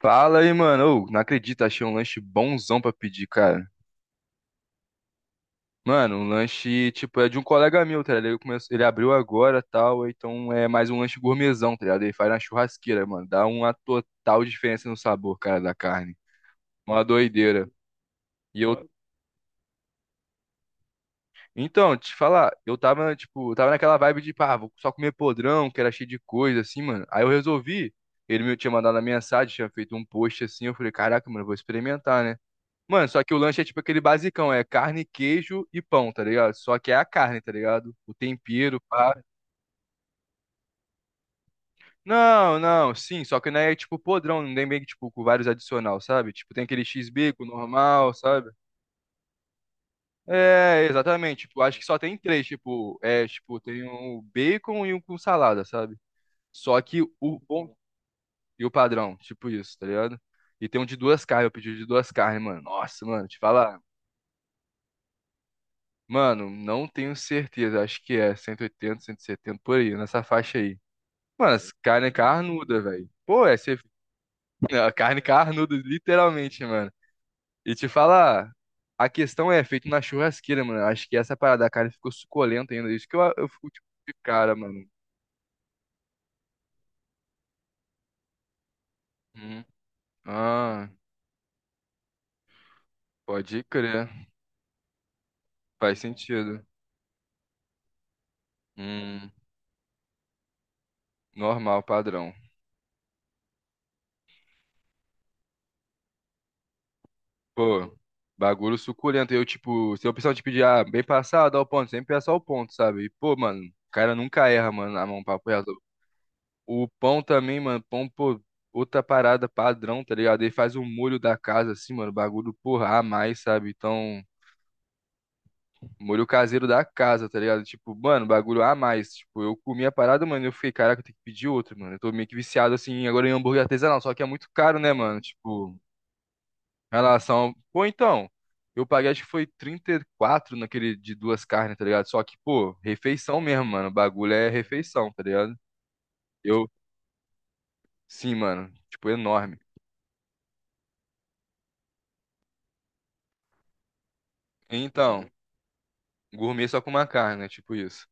Fala aí, mano. Ô, não acredito, achei um lanche bonzão pra pedir, cara. Mano, um lanche, tipo, é de um colega meu, tá ligado? Ele, começou, ele abriu agora tal, então é mais um lanche gourmetzão, tá ligado? Ele faz na churrasqueira, mano. Dá uma total diferença no sabor, cara, da carne. Uma doideira. E eu. Então, te falar, eu tava, tipo, eu tava naquela vibe de, pá, vou só comer podrão, que era cheio de coisa, assim, mano. Aí eu resolvi. Ele me tinha mandado a mensagem, tinha feito um post assim. Eu falei, caraca, mano, eu vou experimentar, né? Mano, só que o lanche é tipo aquele basicão, é carne, queijo e pão, tá ligado? Só que é a carne, tá ligado? O tempero, pá. Não, não, sim, só que não é tipo podrão, não tem meio que tipo com vários adicional, sabe? Tipo, tem aquele X-bico normal, sabe? É, exatamente, tipo, acho que só tem três, tipo, é, tipo, tem um bacon e um com salada, sabe? Só que o bom e o padrão, tipo isso, tá ligado? E tem um de duas carnes, eu pedi o de duas carnes, mano. Nossa, mano, te falar. Mano, não tenho certeza. Acho que é cento e oitenta, 170 por aí, nessa faixa aí. Mano, essa carne é carnuda, velho. Pô, é ser... é, carne carnuda, literalmente, mano. E te falar, a questão é feito na churrasqueira, mano. Acho que essa parada da carne ficou suculenta ainda. Isso que eu fico tipo de cara, mano. Hum. Ah, pode crer. Faz sentido. Hum, normal, padrão. Pô, bagulho suculento. Eu, tipo, se eu precisar te pedir, ah, bem passado, dá o ponto. Sempre é só o ponto, sabe? E, pô, mano, o cara nunca erra, mano, na mão, papo reto. O pão também, mano, pão, pô, outra parada padrão, tá ligado? Ele faz o molho da casa, assim, mano, bagulho, porra, a mais, sabe? Então, molho caseiro da casa, tá ligado? Tipo, mano, bagulho a mais. Tipo, eu comi a parada, mano, eu fiquei, caraca, eu tenho que pedir outro, mano. Eu tô meio que viciado, assim, agora em hambúrguer artesanal, só que é muito caro, né, mano? Tipo. Relação. Pô, então, eu paguei acho que foi 34 naquele de duas carnes, tá ligado? Só que, pô, refeição mesmo, mano. O bagulho é refeição, tá ligado? Eu, sim, mano. Tipo, enorme. Então, gourmet só com uma carne, né? Tipo isso.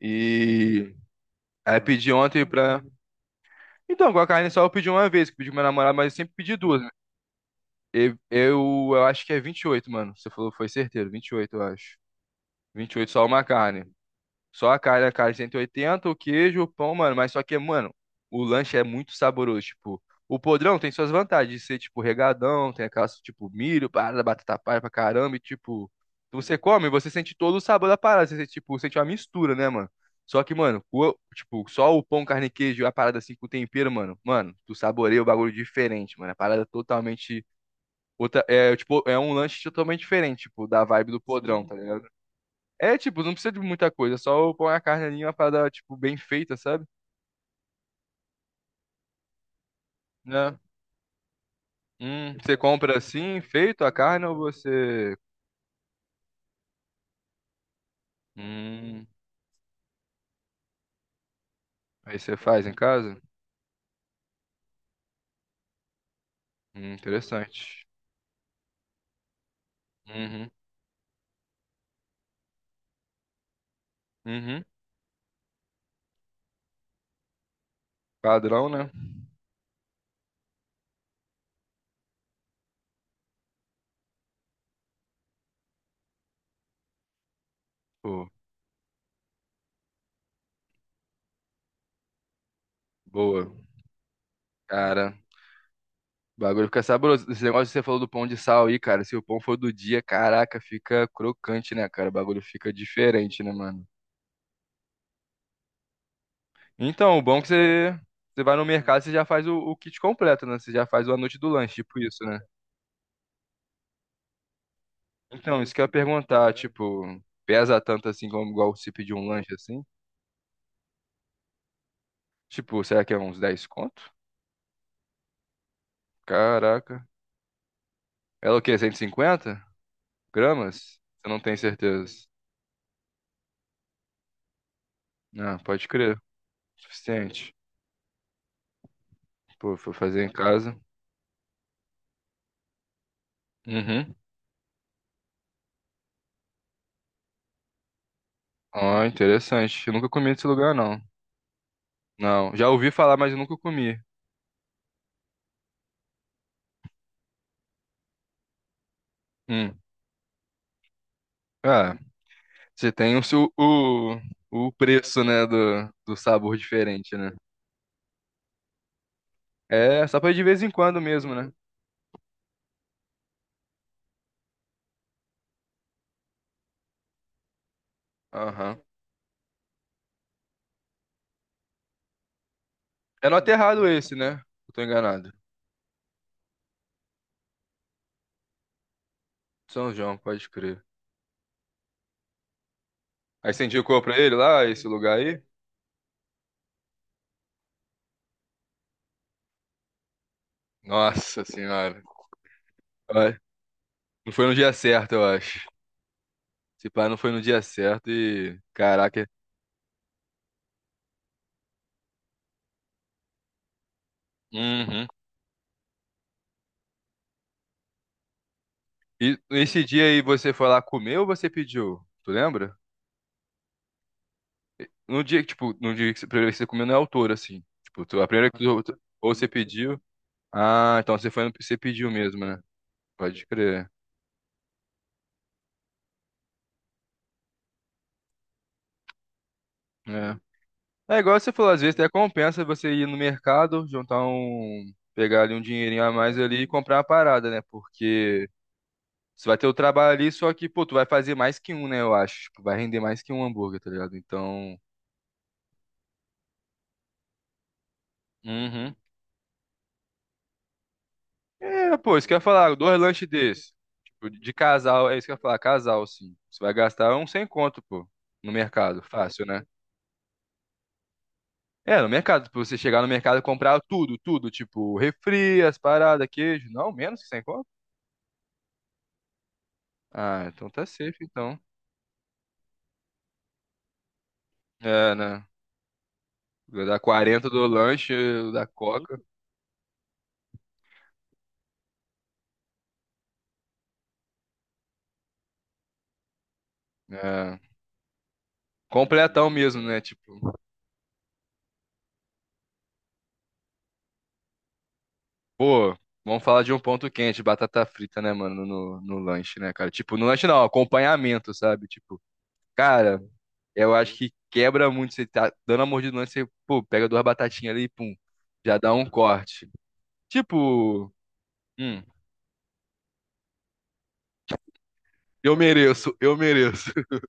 E aí pedi ontem pra. Então, com a carne só eu pedi uma vez, que eu pedi com minha namorada, mas eu sempre pedi duas, né? Eu acho que é 28 mano. Você falou, foi certeiro, 28 eu acho. 28 só uma carne. Só a carne 180 o queijo, o pão, mano. Mas só que, mano, o lanche é muito saboroso. Tipo, o podrão tem suas vantagens de ser, tipo, regadão, tem aquelas, tipo, milho, parada, batata palha pra caramba. E, tipo, você come, você sente todo o sabor da parada. Você, sente, tipo, sente uma mistura, né, mano? Só que, mano, o- tipo, só o pão, carne e queijo e a parada assim com tempero, mano. Mano, tu saboreia o bagulho diferente, mano. A parada é totalmente. Outra, é, tipo, é um lanche totalmente diferente, tipo, da vibe do podrão, tá Sim. tá ligado? É, tipo, não precisa de muita coisa, é só põe a carne ali, uma parada, tipo, bem feita, sabe? Né? Você compra assim, feito a carne, ou você... Hum, aí você faz em casa? Interessante. Uhum, uhum. Padrão, né? Pô, boa. Cara, o bagulho fica saboroso. Esse negócio que você falou do pão de sal aí, cara, se o pão for do dia, caraca, fica crocante, né, cara? O bagulho fica diferente, né, mano? Então, o bom é que você... Você vai no mercado, você já faz o kit completo, né? Você já faz o a noite do lanche, tipo isso, né? Então, isso que eu ia perguntar, tipo, pesa tanto assim como igual se pedir um lanche assim? Tipo, será que é uns 10 conto? Caraca. Ela é o quê? 150 gramas? Eu não tenho certeza. Ah, pode crer. Suficiente. Pô, foi fazer em casa. Uhum. Ó, interessante. Eu nunca comi nesse lugar, não. Não, já ouvi falar, mas eu nunca comi. Hum. Ah, você tem o, seu- o preço, né, do, do sabor diferente, né? É, só pra ir de vez em quando mesmo, né? Aham. É no Aterrado esse, né? Eu tô enganado. São João, pode crer. Aí você indicou pra ele lá, esse lugar aí? Nossa senhora. Ai, não foi no dia certo, eu acho. Esse pá não foi no dia certo e. Caraca. Uhum. E esse dia aí você foi lá comer ou você pediu? Tu lembra? No dia que, tipo, no dia que você, primeira vez que você comeu não é autor, assim. Tipo, tu- a primeira que tu, tu- ou você pediu. Ah, então você foi no, você pediu mesmo, né? Pode crer. É. É igual você falou, às vezes até compensa você ir no mercado, juntar um, pegar ali um dinheirinho a mais ali e comprar uma parada, né? Porque você vai ter o trabalho ali, só que, pô, tu vai fazer mais que um, né? Eu acho. Tipo, vai render mais que um hambúrguer, tá ligado? Então. Uhum. É, pô, isso que eu ia falar, dois lanches desses. Tipo, de casal, é isso que eu ia falar, casal, sim. Você vai gastar um sem conto, pô, no mercado, fácil, né? É, no mercado, pra você chegar no mercado e comprar tudo, tudo, tipo, refri, as paradas, queijo, não, menos que sem conto. Ah, então tá safe, então. É, né? Dá 40 do lanche, da Coca. É. Completão mesmo, né? Tipo, pô, vamos falar de um ponto quente, batata frita, né, mano, no, no lanche, né, cara? Tipo, no lanche não, acompanhamento, sabe? Tipo, cara, eu acho que quebra muito. Você tá dando a mordida no lanche, você, pô, pega duas batatinhas ali e pum, já dá um corte. Tipo, hum, eu mereço, eu mereço.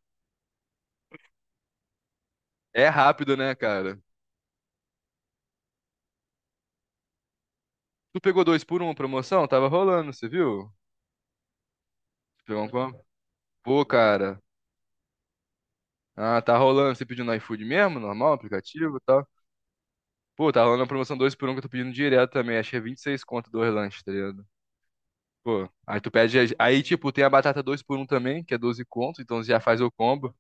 É rápido, né, cara? Tu pegou dois por um, promoção? Tava rolando, você viu? Pegou um com- Pô, cara. Ah, tá rolando. Você pediu no iFood mesmo? Normal, aplicativo e tal? Pô, tá rolando a promoção 2 por um que eu tô pedindo direto também. Acho que é 26 conto dois lanches, tá ligado? Pô, aí tu pede. As- Aí, tipo, tem a batata 2 por um também, que é 12 conto, então você já faz o combo.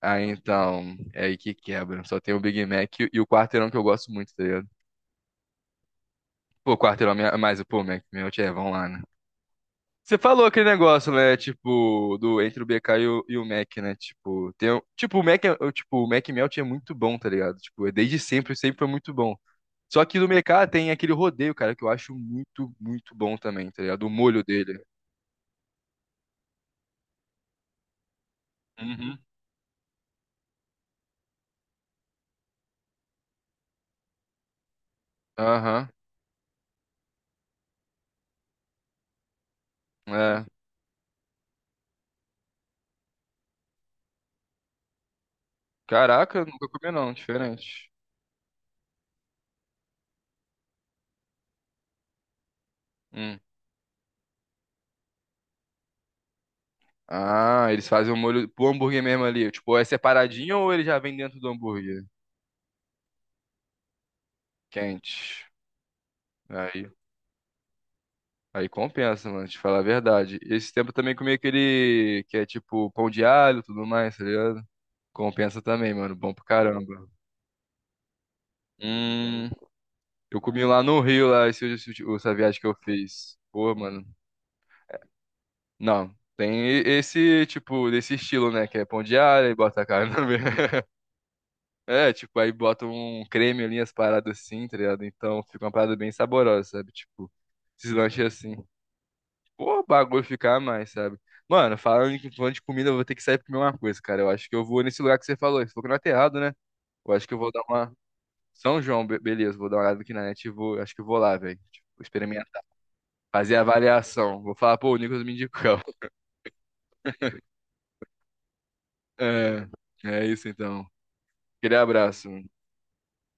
Aí então, é aí que quebra. Só tem o Big Mac e o quarteirão que eu gosto muito, tá ligado? Pô, quarteirão, é minha... mas, pô, Mac, meu, tchê, vamos lá, né? Você falou aquele negócio, né? Tipo, do entre o BK e o Mac, né? Tipo, tem, um- tipo, o Mac, é- o- tipo, o Mac Melt é muito bom, tá ligado? Tipo, é desde sempre, sempre foi muito bom. Só que no mercado tem aquele rodeio, cara, que eu acho muito, muito bom também, tá ligado? O molho dele. Uhum. Aham. É. Caraca, nunca comi não, diferente. Hum. Ah, eles fazem o molho pro hambúrguer mesmo ali. Tipo, é separadinho ou ele já vem dentro do hambúrguer? Quente. Aí, aí compensa, mano, te falar a verdade. Esse tempo eu também comi aquele que é tipo pão de alho e tudo mais, tá ligado? Compensa também, mano. Bom pra caramba. Hum. Eu comi lá no Rio, lá, esse- essa viagem que eu fiz. Pô, mano. Não. Tem e- esse, tipo, desse estilo, né? Que é pão de alho, aí bota a carne no meio. É, tipo, aí bota um creme ali, as paradas assim, tá ligado? Então fica uma parada bem saborosa, sabe? Tipo, esses lanches assim. Pô, o bagulho ficar mais, sabe? Mano, falando em- falando de comida, eu vou ter que sair pra comer uma coisa, cara. Eu acho que eu vou nesse lugar que você falou. Você falou que não é errado, né? Eu acho que eu vou dar uma. São João, be- beleza, vou dar uma olhada aqui na net e vou. Acho que eu vou lá, velho. Tipo, fazer a avaliação. Vou falar, pô, o Nicolas me indicou. É, é isso então. Aquele abraço.